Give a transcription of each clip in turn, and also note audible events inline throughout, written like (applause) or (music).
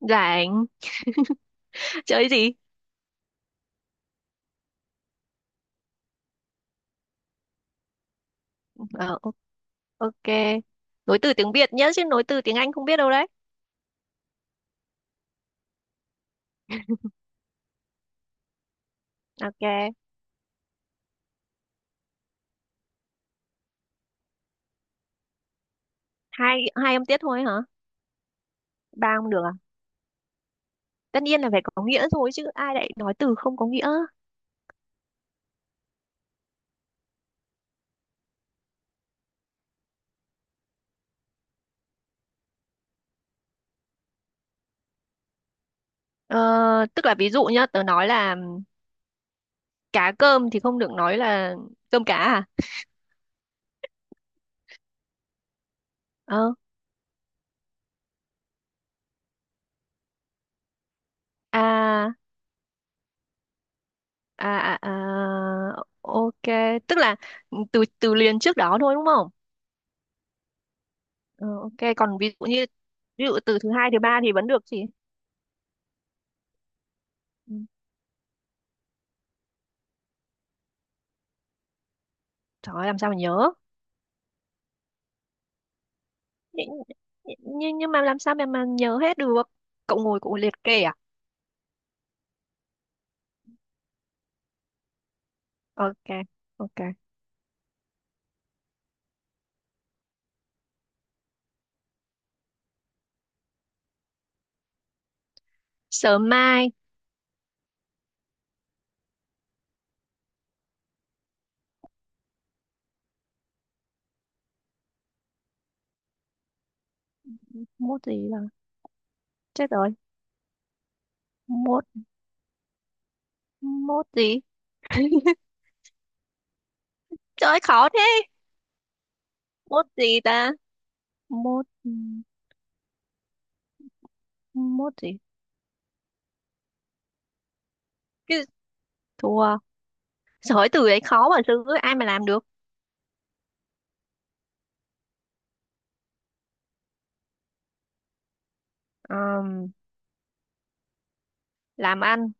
Rảnh. Chơi gì? Ờ, o- OK. Nối từ tiếng Việt nhé, chứ nối từ tiếng Anh không biết đâu đấy. OK. Hai hai âm tiết thôi hả? Ba không được à? Tất nhiên là phải có nghĩa rồi chứ ai lại nói từ không có nghĩa. Ờ, tức là ví dụ nhá, tớ nói là cá cơm thì không được nói là cơm cá à? Ờ. À, à, à, à, OK. Tức là từ từ liền trước đó thôi đúng không? Ờ, OK. Còn ví dụ như ví dụ từ thứ hai, thứ ba thì vẫn được chị. Ừ. Trời ơi, làm sao mà nhớ. nhưng nhưng mà làm sao mà nhớ hết được. Cậu ngồi cậu liệt kê à? OK, OK. Sớm mai mốt gì là chết rồi. Mốt mốt gì? (laughs) Trời ơi, khó thế. Mốt gì ta? Mốt mốt gì? Cái thua. Giỏi, từ đấy khó mà sư ai mà làm được. Ờm, làm ăn.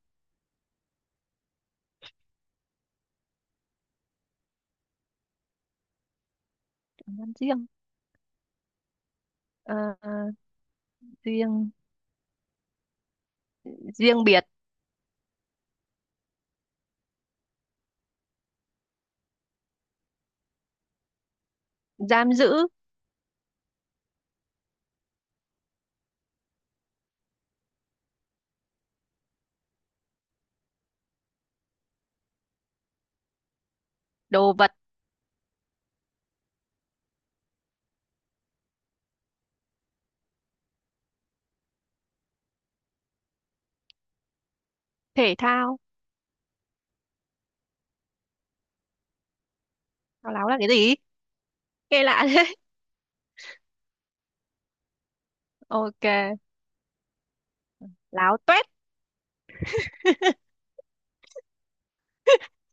Làm ăn riêng. Ờ, ờ, Riêng, riêng biệt. Giam giữ đồ vật thể thao. Thao láo là cái gì? Nghe lạ thế. (laughs) OK, láo toét. (laughs)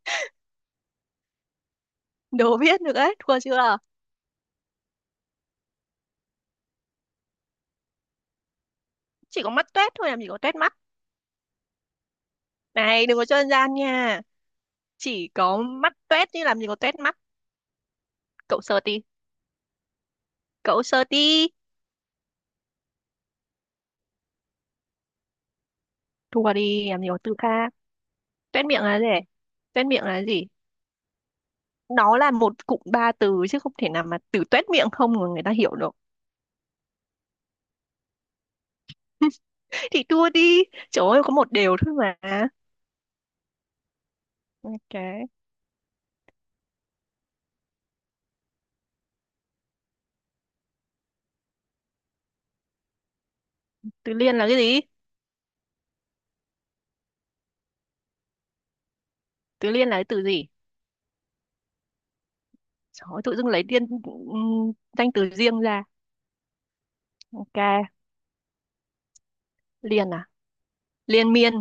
Đố biết được đấy, thua chưa? Chỉ có mắt tuét thôi, làm gì có tuét mắt. Này, đừng có chơi gian nha. Chỉ có mắt tuét chứ làm gì có tuét mắt. Cậu sờ đi. Cậu sờ đi. Thua đi, làm gì có từ khác. Tuét miệng là gì? Tuét miệng là gì? Nó là một cụm ba từ chứ không thể nào mà từ tuét miệng không mà người ta hiểu được. (laughs) Thì thua đi. Trời ơi, có một đều thôi mà. OK. Từ liên là cái gì? Từ liên là cái từ gì? Trời ơi, tự dưng lấy liên danh từ riêng ra. OK, liên à? Liên miên.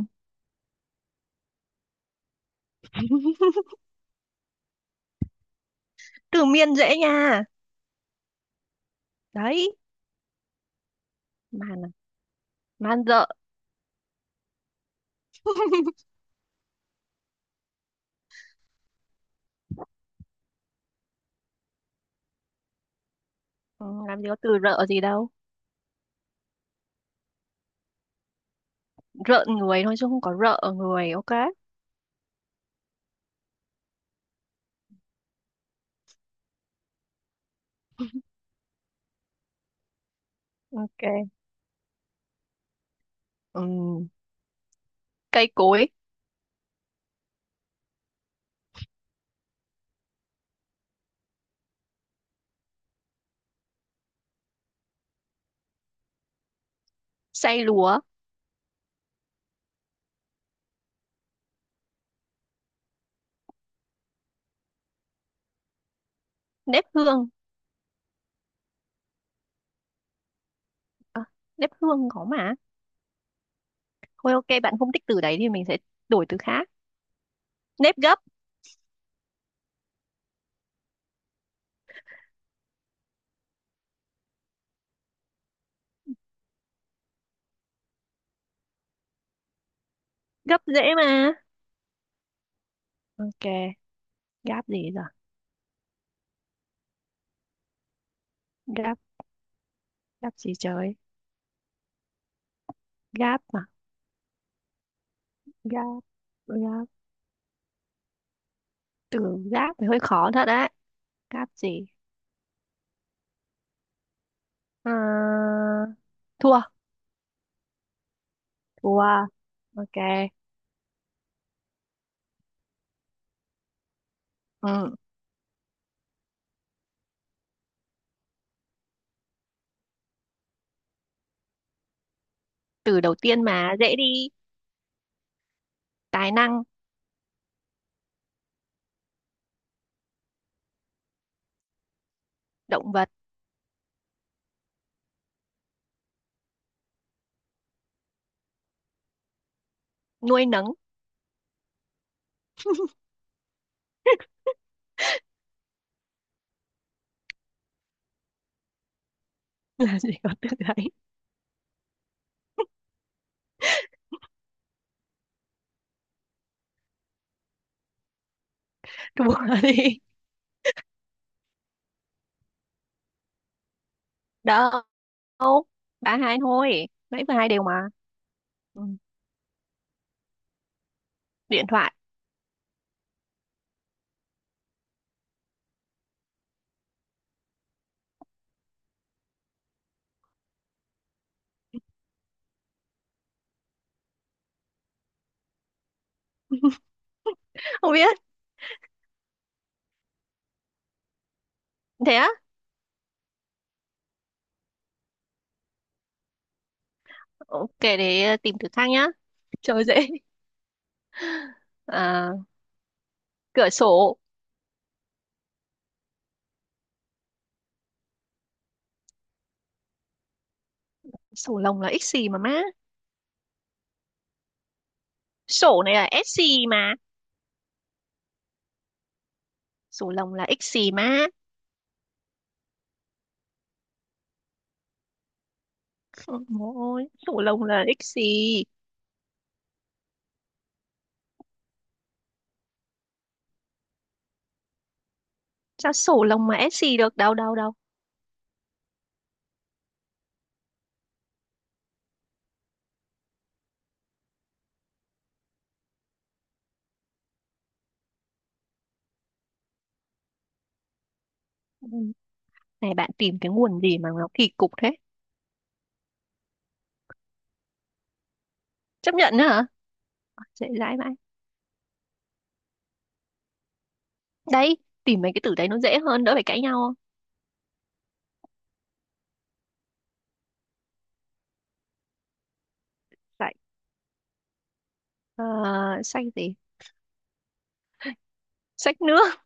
(laughs) Từ miên dễ nha. Đấy, man à, man rợ. (laughs) Ừ, làm gì có từ rợ gì đâu. Rợn người thôi chứ không có rợ người. OK, OK. Ừm, Cây cối xay lúa nếp hương. À, nếp hương có mà. Thôi OK, bạn không thích từ đấy thì mình sẽ đổi từ khác. Nếp gấp. Gấp dễ mà. OK, gáp gì giờ? Gáp, gáp gì trời. Gáp mà. Gáp, gáp, từ gáp thì hơi khó thật đấy. Gáp gì? À, thua. Wow, OK. Ừ. Từ đầu tiên mà dễ đi. Tài năng, động vật, nuôi nấng. (laughs) là gì có từ đấy. Thua đi. Đâu? Ba hai thôi. Nãy ba hai đều mà. Ừ. Điện thoại. Không biết. Thế á? OK, để tìm thử khác nhá. Trời, dễ. À, cửa sổ. Sổ lồng là x gì mà má? Sổ này là s gì mà. Sổ lồng là x gì má. Ôi, sổ lồng là x gì? Sao sổ lồng mà s gì được? Đâu, đâu, đâu. Này bạn tìm cái nguồn gì mà nó kỳ cục thế? Chấp nhận nữa hả? Dễ dãi vãi. Đấy, tìm mấy cái từ đấy nó dễ hơn, đỡ phải cãi nhau. Sách, ờ, sách gì? Sách nước.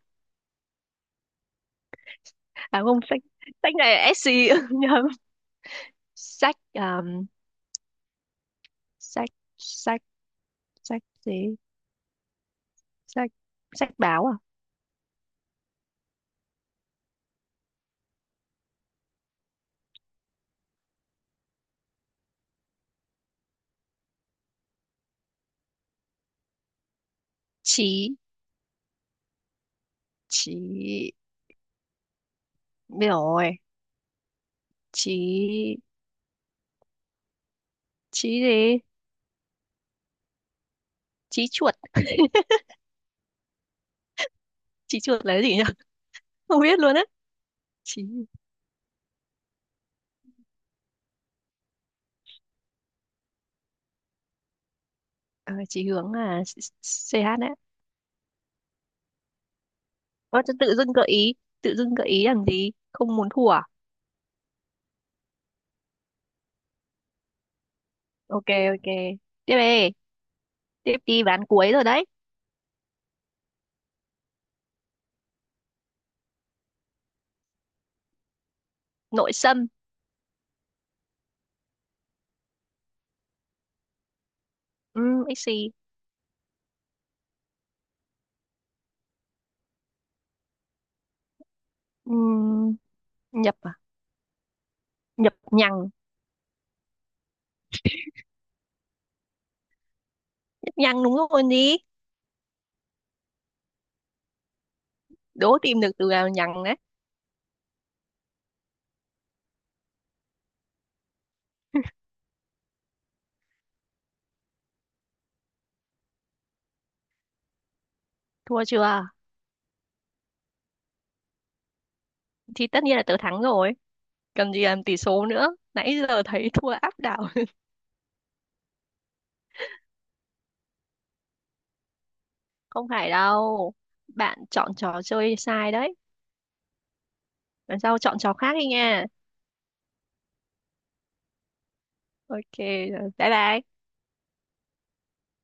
À không, sách, sách này là SC. (laughs) Nhầm. Sách, um, sách, sách, Sách gì? Sách, sách báo à? Chí, chí, biết rồi. Chí, chí gì? Chí chuột. (laughs) Chí chuột là cái gì nhỉ? Không biết luôn á. Chí, ờ, chí hướng à? CH đấy. Ơ, chứ tự dưng gợi ý, tự dưng gợi ý làm gì? Không muốn thua à? OK, OK. Tiếp đi, tiếp đi ván cuối rồi đấy. Nội xâm. Ừ, ích xì. Ừ, nhập à? Nhập nhằng. Nhập nhằng đúng rồi đi. Đố tìm được từ nào nhằng đấy. Thua chưa? Thì tất nhiên là tớ thắng rồi. Cần gì làm tỷ số nữa. Nãy giờ thấy (laughs) thua áp đảo. (laughs) Không phải đâu. Bạn chọn trò chơi sai đấy. Lần sau chọn trò khác đi nha. OK, rồi. Bye bye.